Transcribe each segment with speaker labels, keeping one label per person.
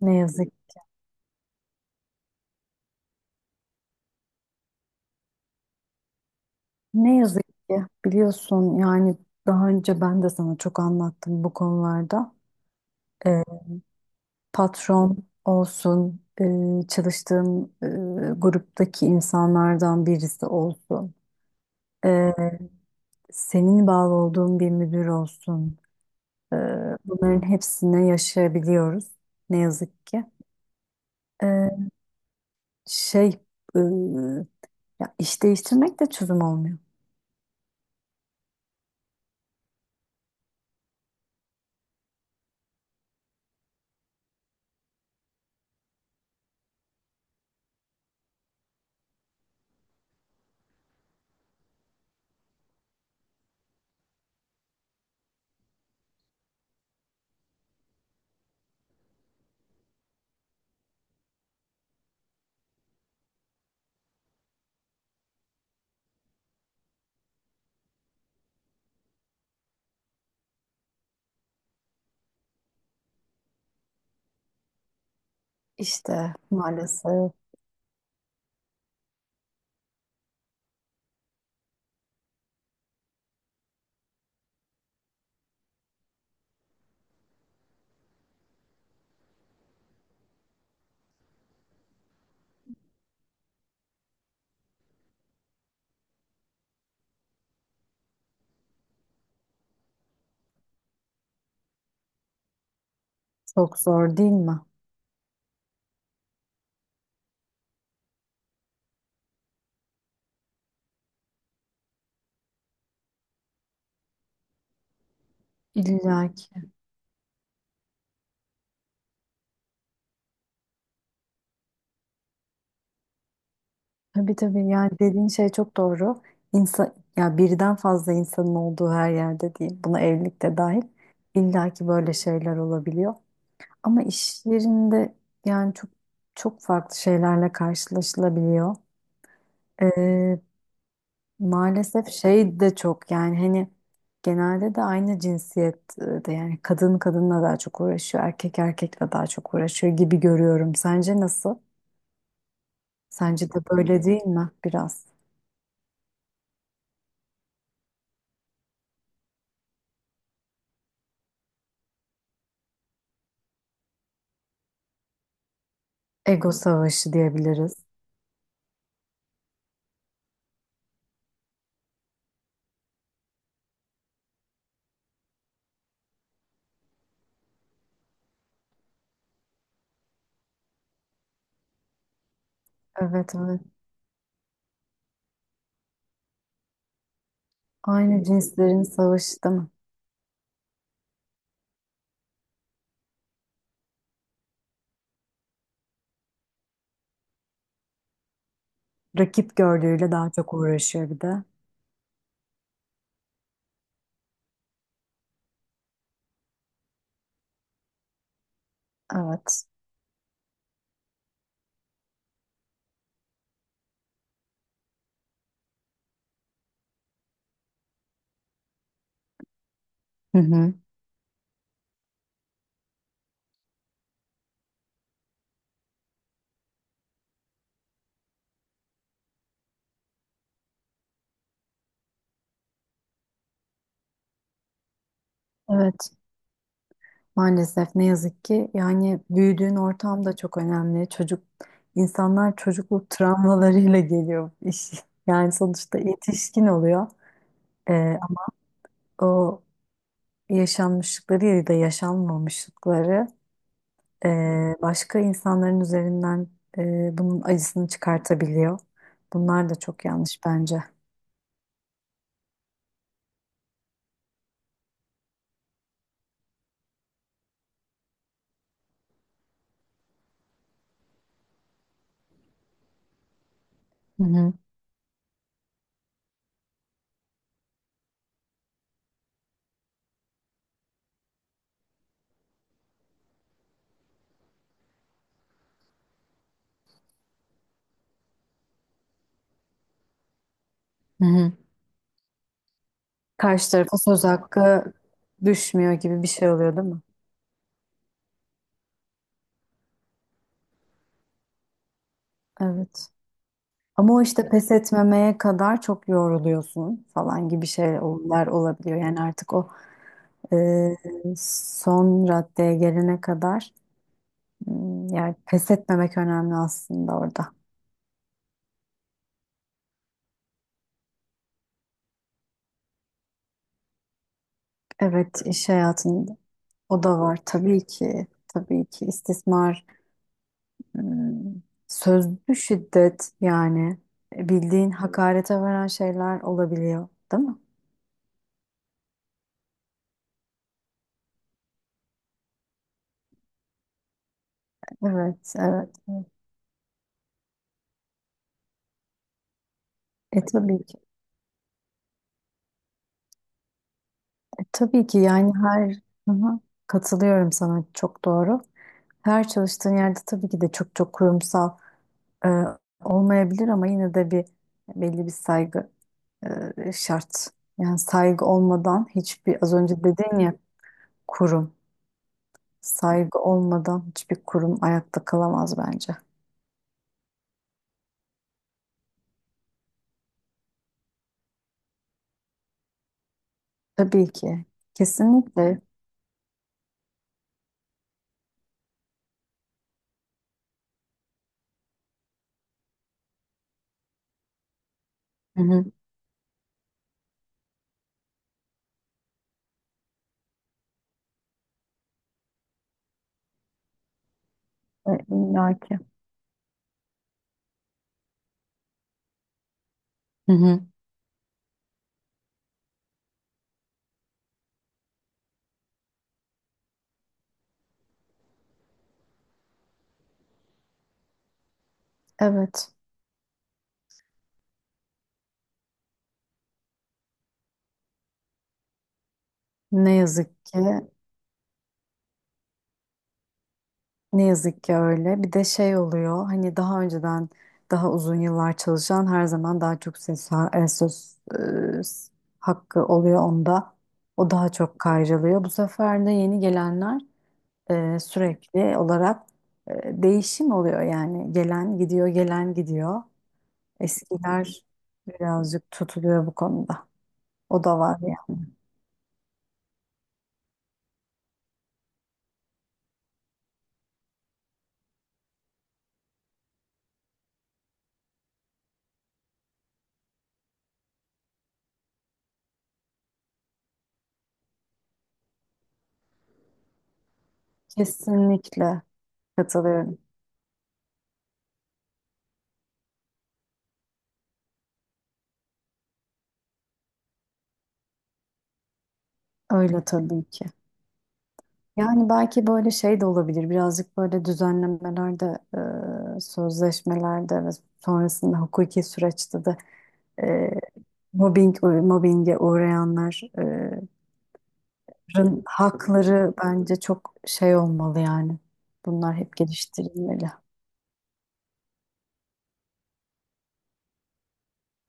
Speaker 1: Ne yazık, Ne yazık ki biliyorsun yani daha önce ben de sana çok anlattım bu konularda. Ee, patron olsun, çalıştığın gruptaki insanlardan birisi olsun, e, senin bağlı olduğun bir müdür olsun. e, bunların hepsine yaşayabiliyoruz ne yazık ki. E, şey, e, ya iş değiştirmek de çözüm olmuyor. İşte maalesef çok zor değil mi? İlla ki. Tabii tabii, yani dediğin şey çok doğru. İnsan, ya birden fazla insanın olduğu her yerde değil. Buna evlilik de dahil. İllaki ki böyle şeyler olabiliyor. Ama iş yerinde yani çok çok farklı şeylerle karşılaşılabiliyor. Ee, maalesef şey de çok yani hani genelde de aynı cinsiyette, yani kadın kadınla daha çok uğraşıyor, erkek erkekle daha çok uğraşıyor gibi görüyorum. Sence nasıl? Sence de böyle değil mi biraz? Ego savaşı diyebiliriz. Evet, evet. Aynı cinslerin savaşı değil mi? Rakip gördüğüyle daha çok uğraşıyor bir de. Evet. Hı hı. Evet. Maalesef, ne yazık ki yani büyüdüğün ortam da çok önemli. Çocuk insanlar çocukluk travmalarıyla geliyor iş. Yani sonuçta yetişkin oluyor. Ee, ama o yaşanmışlıkları ya da yaşanmamışlıkları başka insanların üzerinden bunun acısını çıkartabiliyor. Bunlar da çok yanlış bence. Hı hı. Hı hı. Karşı tarafa söz hakkı düşmüyor gibi bir şey oluyor değil mi? Evet. Ama o işte pes etmemeye kadar çok yoruluyorsun falan gibi şeyler olabiliyor. Yani artık o e, son raddeye gelene kadar yani pes etmemek önemli aslında orada. Evet, iş hayatında o da var tabii ki. Tabii ki istismar, m, sözlü şiddet, yani bildiğin hakarete varan şeyler olabiliyor, değil mi? Evet, evet. Evet. Tabii ki. Tabii ki yani Hı-hı. Katılıyorum sana, çok doğru. Her çalıştığın yerde tabii ki de çok çok kurumsal e, olmayabilir, ama yine de bir belli bir saygı şart. Yani saygı olmadan hiçbir az önce dedin ya kurum. Saygı olmadan hiçbir kurum ayakta kalamaz bence. Tabii ki. Kesinlikle. Hı-hı. İllaki. Hı-hı. Evet. Ne yazık ki. Ne yazık ki öyle. Bir de şey oluyor. Hani daha önceden daha uzun yıllar çalışan her zaman daha çok söz e, s- hakkı oluyor onda. O daha çok kayrılıyor. Bu sefer de yeni gelenler sürekli olarak değişim oluyor. Yani gelen gidiyor, gelen gidiyor. Eskiler birazcık tutuluyor bu konuda. O da var yani. Kesinlikle katılıyorum. Öyle tabii ki. Yani belki böyle şey de olabilir. Birazcık böyle düzenlemelerde, sözleşmelerde ve sonrasında hukuki süreçte de e, mobbinge uğrayanların hakları bence çok şey olmalı yani. Bunlar hep geliştirilmeli.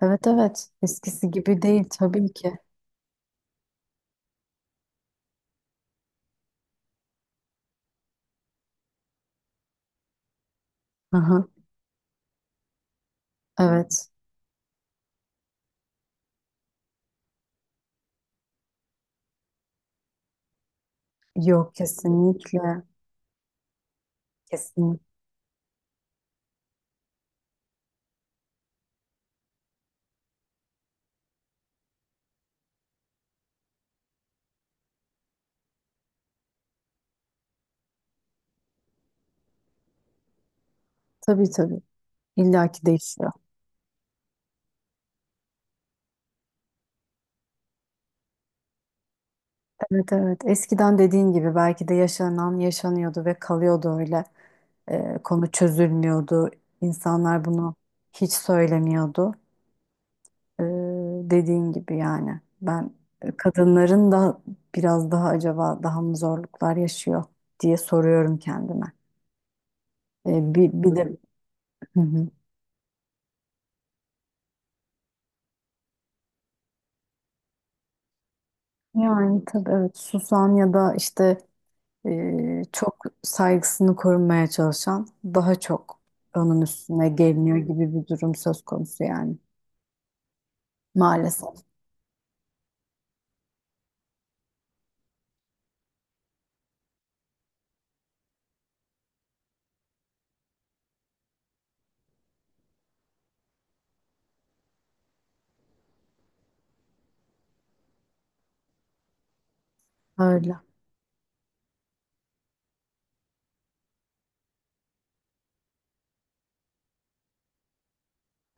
Speaker 1: Evet, evet. Eskisi gibi değil tabii ki. Aha, evet. Yok, kesinlikle. Kesinlikle. Tabii, tabii. İlla ki değişiyor. Evet, evet. Eskiden dediğin gibi belki de yaşanan yaşanıyordu ve kalıyordu öyle. Konu çözülmüyordu. İnsanlar bunu hiç söylemiyordu. Ee, dediğin gibi yani. Ben kadınların da biraz daha acaba daha mı zorluklar yaşıyor diye soruyorum kendime. Bir de. Hı hı. Yani tabii, evet, susan ya da işte çok saygısını korumaya çalışan daha çok onun üstüne geliniyor gibi bir durum söz konusu yani. Maalesef öyle.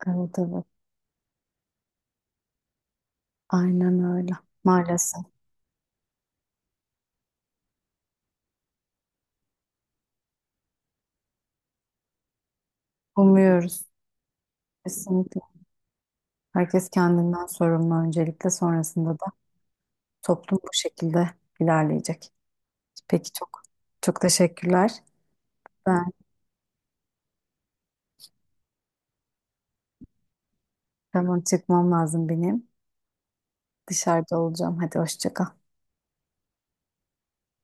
Speaker 1: Evet, evet. Aynen öyle. Maalesef. Umuyoruz. Kesinlikle. Herkes kendinden sorumlu öncelikle, sonrasında da toplum bu şekilde ilerleyecek. Peki, çok çok teşekkürler. Ben tamam, çıkmam lazım benim. Dışarıda olacağım. Hadi, hoşça kal.